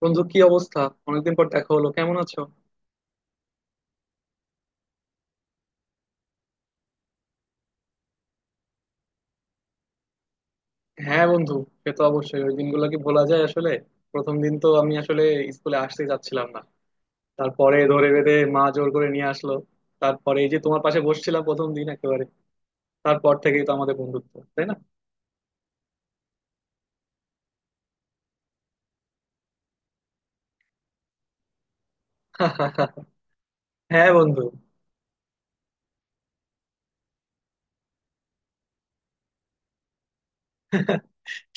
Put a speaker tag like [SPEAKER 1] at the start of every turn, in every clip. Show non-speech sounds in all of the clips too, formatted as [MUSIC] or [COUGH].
[SPEAKER 1] বন্ধু কি অবস্থা? অনেকদিন পর দেখা হলো, কেমন আছো? হ্যাঁ বন্ধু, সে তো অবশ্যই ওই দিনগুলো কি ভোলা যায় আসলে। প্রথম দিন তো আমি আসলে স্কুলে আসতে যাচ্ছিলাম না। তারপরে ধরে বেঁধে মা জোর করে নিয়ে আসলো। তারপরে এই যে তোমার পাশে বসছিলাম প্রথম দিন একেবারে। তারপর থেকেই তো আমাদের বন্ধুত্ব, তাই না? [LAUGHS] হ্যাঁ বন্ধু।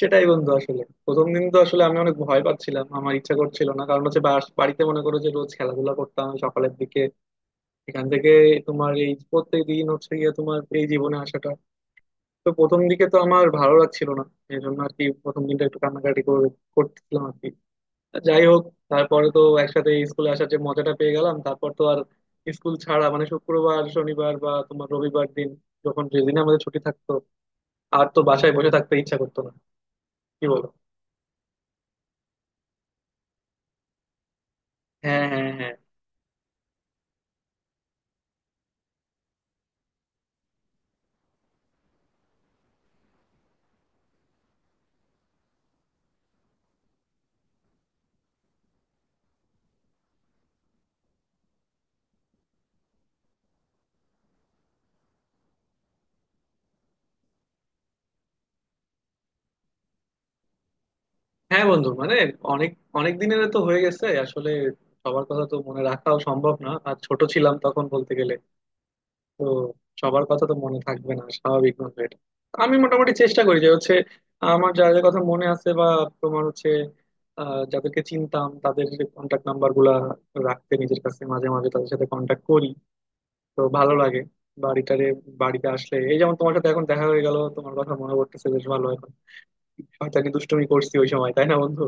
[SPEAKER 1] সেটাই বন্ধু, আসলে প্রথম দিন তো আসলে আমি অনেক ভয় পাচ্ছিলাম, আমার ইচ্ছা করছিল না, কারণ হচ্ছে বাড়িতে মনে করো যে রোজ খেলাধুলা করতাম সকালের দিকে। এখান থেকে তোমার এই প্রত্যেক দিন হচ্ছে গিয়ে তোমার এই জীবনে আসাটা, তো প্রথম দিকে তো আমার ভালো লাগছিল না। এই জন্য আর কি প্রথম দিনটা একটু কান্নাকাটি করে করতেছিলাম আর কি। যাই হোক, তারপরে তো একসাথে স্কুলে আসার যে মজাটা পেয়ে গেলাম, তারপর তো আর স্কুল ছাড়া মানে শুক্রবার শনিবার বা তোমার রবিবার দিন যখন যেদিন আমাদের ছুটি থাকতো আর তো বাসায় বসে থাকতে ইচ্ছা করতো না। কি বলো? হ্যাঁ, হ্যাঁ, হ্যাঁ। হ্যাঁ বন্ধু, মানে অনেক অনেক দিনের তো হয়ে গেছে আসলে। সবার কথা তো মনে রাখাও সম্ভব না, আর ছোট ছিলাম তখন বলতে গেলে। তো সবার কথা তো মনে থাকবে না স্বাভাবিক ভাবে এটা। আমি মোটামুটি চেষ্টা করি যে হচ্ছে আমার যাদের কথা মনে আছে বা তোমার হচ্ছে যাদেরকে চিনতাম তাদের কন্ট্যাক্ট নাম্বার গুলা রাখতে নিজের কাছে, মাঝে মাঝে তাদের সাথে কন্ট্যাক্ট করি। তো ভালো লাগে বাড়িটারে বাড়িতে আসলে, এই যেমন তোমার সাথে এখন দেখা হয়ে গেল, তোমার কথা মনে পড়তেছে বেশ ভালো এখন। শয়তানি দুষ্টুমি করছি ওই সময়, তাই না বন্ধু?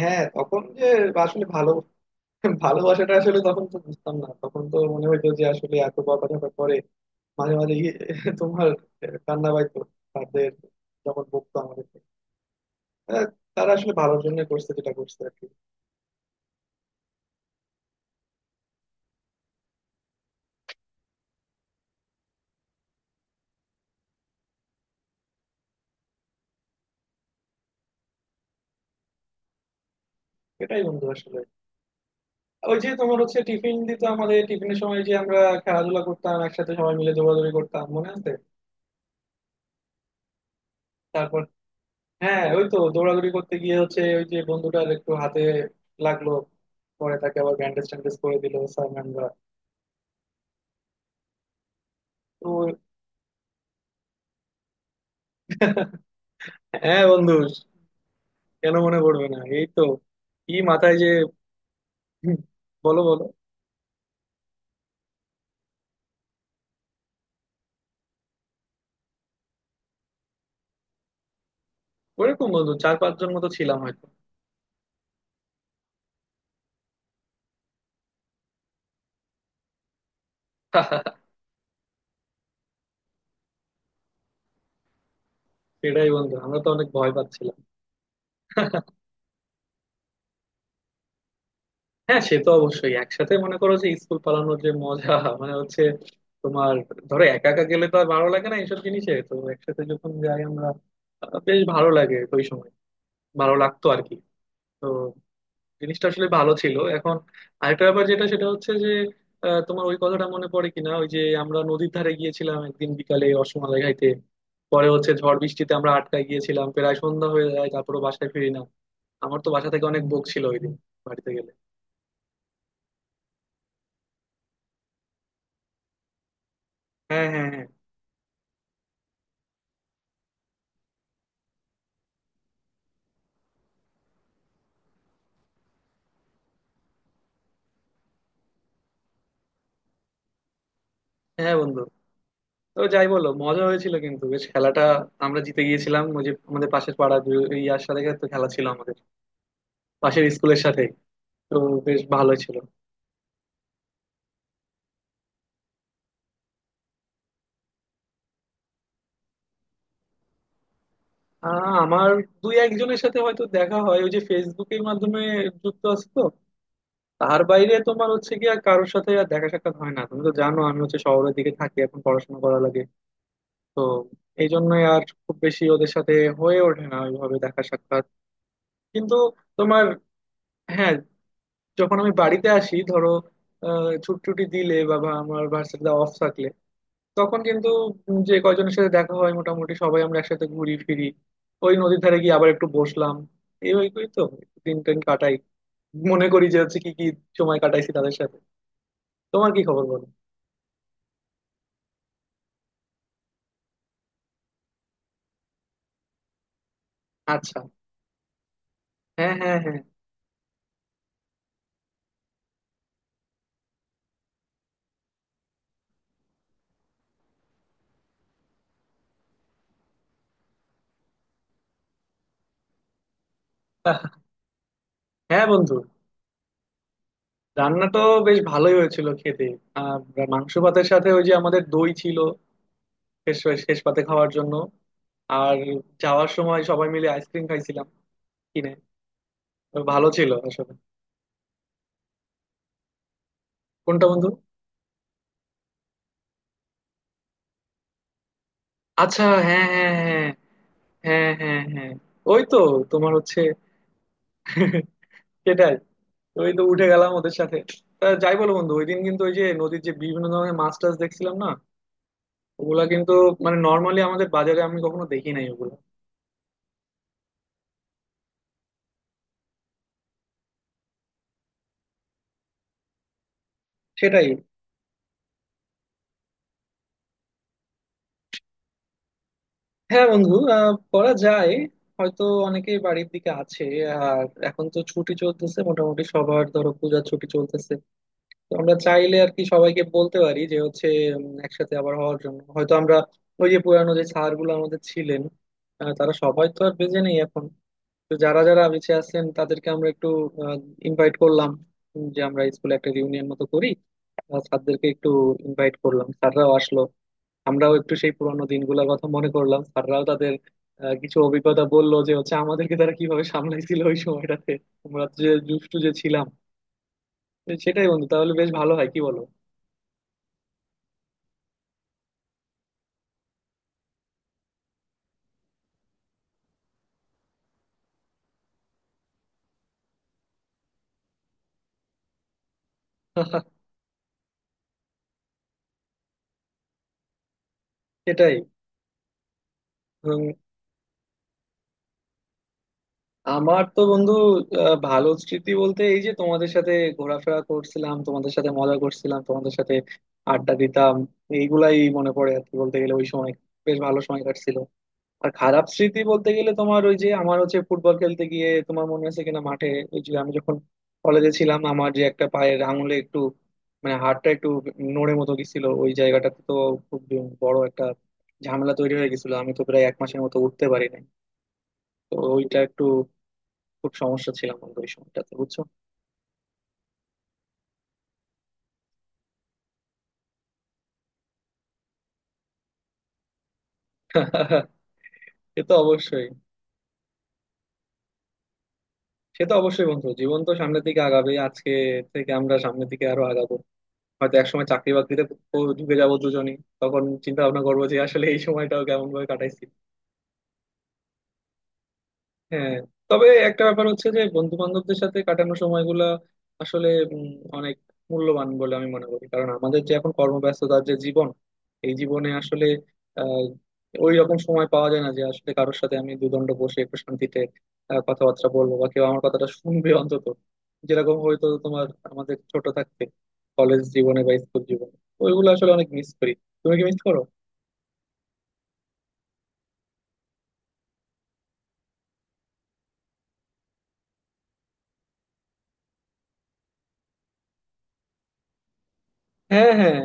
[SPEAKER 1] হ্যাঁ, তখন যে আসলে ভালো ভালোবাসাটা আসলে তখন তো বুঝতাম না, তখন তো মনে হইতো যে আসলে এত বড় কথা পরে মাঝে মাঝে গিয়ে [LAUGHS] তোমার কান্না পাইতো তাদের যখন বকতো আমাদেরকে। আহ, তারা আসলে ভালোর জন্য করছে যেটা করছে আর কি। এটাই বন্ধু, আসলে ওই যে তোমার হচ্ছে টিফিন দিত আমাদের, টিফিনের সময় যে আমরা খেলাধুলা করতাম একসাথে সবাই মিলে দৌড়াদৌড়ি করতাম, মনে আছে? তারপর হ্যাঁ ওই তো দৌড়াদৌড়ি করতে গিয়ে হচ্ছে ওই যে বন্ধুটার একটু হাতে লাগলো, পরে তাকে আবার ব্যান্ডেজ ট্যান্ডেজ করে দিল স্যার ম্যামরা। তো [LAUGHS] হ্যাঁ বন্ধু, কেন মনে পড়বে না, এই তো। কি মাথায় যে? বলো বলো। ওইরকম বন্ধু চার পাঁচজন মতো ছিলাম হয়তো। সেটাই বন্ধু, আমরা তো অনেক ভয় পাচ্ছিলাম। হ্যাঁ, সে তো অবশ্যই একসাথে মনে করো যে স্কুল পালানোর যে মজা, মানে হচ্ছে তোমার ধরো একা একা গেলে তো আর ভালো লাগে না এইসব জিনিসে, তো একসাথে যখন যাই আমরা বেশ ভালো লাগে ওই সময়, ভালো লাগতো আর কি। তো জিনিসটা আসলে ভালো ছিল এখন। আরেকটা ব্যাপার যেটা সেটা হচ্ছে যে তোমার ওই কথাটা মনে পড়ে কিনা, ওই যে আমরা নদীর ধারে গিয়েছিলাম একদিন বিকালে রসমালাই খাইতে, পরে হচ্ছে ঝড় বৃষ্টিতে আমরা আটকায় গিয়েছিলাম, প্রায় সন্ধ্যা হয়ে যায় তারপরে বাসায় ফিরি না। আমার তো বাসা থেকে অনেক বক ছিল ওই দিন বাড়িতে গেলে। হ্যাঁ, হ্যাঁ, হ্যাঁ। হ্যাঁ বন্ধু, তো যাই বলো মজা হয়েছিল কিন্তু বেশ। খেলাটা আমরা জিতে গিয়েছিলাম, ওই যে আমাদের পাশের পাড়া ইয়ার সাথে তো খেলা ছিল আমাদের, পাশের স্কুলের সাথে। তো বেশ ভালো ছিল। আমার দুই একজনের সাথে হয়তো দেখা হয় ওই যে ফেসবুকের মাধ্যমে যুক্ত আছে তো, তার বাইরে তোমার হচ্ছে গিয়ে আর কারোর সাথে আর দেখা সাক্ষাৎ হয় না। তুমি তো জানো আমি হচ্ছে শহরের দিকে থাকি এখন, পড়াশোনা করা লাগে তো, এই জন্যই আর খুব বেশি ওদের সাথে হয়ে ওঠে না ওইভাবে দেখা সাক্ষাৎ। কিন্তু তোমার, হ্যাঁ, যখন আমি বাড়িতে আসি ধরো ছুটি টুটি দিলে বা বা আমার ভার্সিটিতে অফ থাকলে, তখন কিন্তু যে কয়জনের সাথে দেখা হয় মোটামুটি সবাই আমরা একসাথে ঘুরি ফিরি। ওই নদীর ধারে গিয়ে আবার একটু বসলাম, এই ওই করেই তো দিন টেন কাটাই। মনে করি যে হচ্ছে কি কি সময় কাটাইছি তাদের সাথে। তোমার কি খবর বলো? আচ্ছা, হ্যাঁ, হ্যাঁ, হ্যাঁ। আহ, হ্যাঁ বন্ধু, রান্না তো বেশ ভালোই হয়েছিল খেতে। আর মাংস ভাতের সাথে ওই যে আমাদের দই ছিল শেষ, শেষ পাতে খাওয়ার জন্য। আর যাওয়ার সময় সবাই মিলে আইসক্রিম খাইছিলাম কিনে। তো ভালো ছিল আসলে। কোনটা বন্ধু? আচ্ছা, হ্যাঁ, হ্যাঁ, হ্যাঁ। হ্যাঁ, হ্যাঁ, হ্যাঁ। ওই তো তোমার হচ্ছে [LAUGHS] সেটাই, ওই তো উঠে গেলাম ওদের সাথে। তা যাই বলো বন্ধু, ওই দিন কিন্তু ওই যে নদীর যে বিভিন্ন ধরনের মাছ টাছ দেখছিলাম না, ওগুলা কিন্তু মানে নর্মালি আমাদের বাজারে আমি কখনো দেখি নাই ওগুলো। সেটাই। হ্যাঁ বন্ধু, আহ করা যায়, হয়তো অনেকেই বাড়ির দিকে আছে। আর এখন তো ছুটি চলতেছে মোটামুটি সবার, ধরো পূজার ছুটি চলতেছে। তো আমরা চাইলে আর কি সবাইকে বলতে পারি যে হচ্ছে একসাথে আবার হওয়ার জন্য হয়তো আমরা ওই যে পুরানো যে স্যার গুলো আমাদের ছিলেন, তারা সবাই তো আর বেঁচে নেই এখন, তো যারা যারা বেঁচে আছেন তাদেরকে আমরা একটু ইনভাইট করলাম, যে আমরা স্কুলে একটা রিউনিয়ন মতো করি, স্যারদেরকে একটু ইনভাইট করলাম, স্যাররাও আসলো, আমরাও একটু সেই পুরানো দিনগুলোর কথা মনে করলাম, স্যাররাও তাদের কিছু অভিজ্ঞতা বললো যে হচ্ছে আমাদেরকে তারা কিভাবে সামলাইছিল ওই সময়টাতে আমরা যে দুষ্টু যে ছিলাম। তো সেটাই বন্ধু, তাহলে বেশ ভালো হয় কি বলো? সেটাই। উম, আমার তো বন্ধু ভালো স্মৃতি বলতে এই যে তোমাদের সাথে ঘোরাফেরা করছিলাম, তোমাদের সাথে মজা করছিলাম, তোমাদের সাথে আড্ডা দিতাম, এইগুলাই মনে পড়ে আর কি বলতে গেলে। ওই সময় বেশ ভালো সময় কাটছিল। আর খারাপ স্মৃতি বলতে গেলে তোমার ওই যে আমার হচ্ছে ফুটবল খেলতে গিয়ে তোমার মনে আছে কিনা মাঠে, ওই যে আমি যখন কলেজে ছিলাম আমার যে একটা পায়ের আঙুলে একটু মানে হাড়টা একটু নড়ে মতো গেছিল ওই জায়গাটাতে, তো খুব বড় একটা ঝামেলা তৈরি হয়ে গেছিল, আমি তো প্রায় এক মাসের মতো উঠতে পারি নাই। তো ওইটা একটু খুব সমস্যা ছিলাম বন্ধু ওই সময়টাতে, বুঝছো? [LAUGHS] সে তো অবশ্যই। সে তো অবশ্যই বন্ধু, জীবন তো সামনের দিকে আগাবে, আজকে থেকে আমরা সামনের দিকে আরো আগাবো, হয়তো একসময় চাকরি বাকরিতে ঢুকে যাবো দুজনেই, তখন চিন্তা ভাবনা করবো যে আসলে এই সময়টাও কেমন ভাবে কাটাইছি। হ্যাঁ। তবে একটা ব্যাপার হচ্ছে যে বন্ধু বান্ধবদের সাথে কাটানো সময়গুলা আসলে উম, অনেক মূল্যবান বলে আমি মনে করি, কারণ আমাদের যে এখন কর্মব্যস্ততার যে জীবন, এই জীবনে আসলে আহ ওই রকম সময় পাওয়া যায় না যে আসলে কারোর সাথে আমি দুদণ্ড বসে একটু শান্তিতে কথাবার্তা বলবো বা কেউ আমার কথাটা শুনবে অন্তত, যেরকম হয়তো তোমার আমাদের ছোট থাকতে কলেজ জীবনে বা স্কুল জীবনে ওইগুলো আসলে অনেক মিস করি। তুমি কি মিস করো? হ্যাঁ, হ্যাঁ,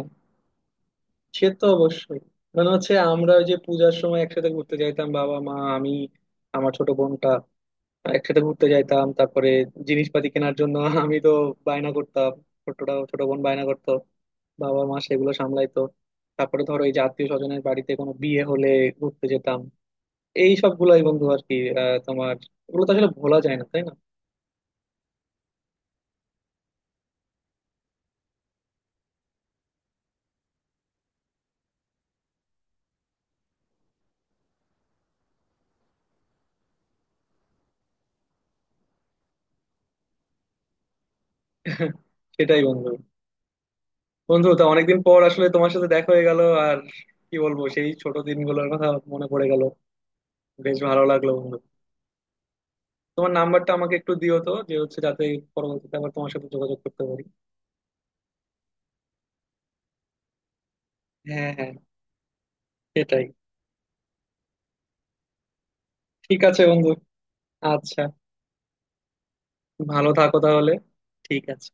[SPEAKER 1] সে তো অবশ্যই। মানে হচ্ছে আমরা ওই যে পূজার সময় একসাথে ঘুরতে যাইতাম বাবা মা আমি আমার ছোট বোনটা, একসাথে ঘুরতে যাইতাম, তারপরে জিনিসপাতি কেনার জন্য [LAUGHS] আমি তো বায়না করতাম, ছোটটা ছোট বোন বায়না করতো, বাবা মা সেগুলো সামলাইতো। তারপরে ধরো এই যে আত্মীয় স্বজনের বাড়িতে কোনো বিয়ে হলে ঘুরতে যেতাম, এই সবগুলাই বন্ধু আর কি। তোমার এগুলো তো আসলে ভোলা যায় না, তাই না? [LAUGHS] সেটাই বন্ধু। বন্ধু তো অনেকদিন পর আসলে তোমার সাথে দেখা হয়ে গেল, আর কি বলবো, সেই ছোট দিনগুলোর কথা মনে পড়ে গেল। বেশ ভালো লাগলো বন্ধু। তোমার নাম্বারটা আমাকে একটু দিও তো, যে হচ্ছে যাতে পরবর্তীতে আবার তোমার সাথে যোগাযোগ করতে পারি। হ্যাঁ, হ্যাঁ। সেটাই, ঠিক আছে বন্ধু। আচ্ছা, ভালো থাকো তাহলে, ঠিক আছে।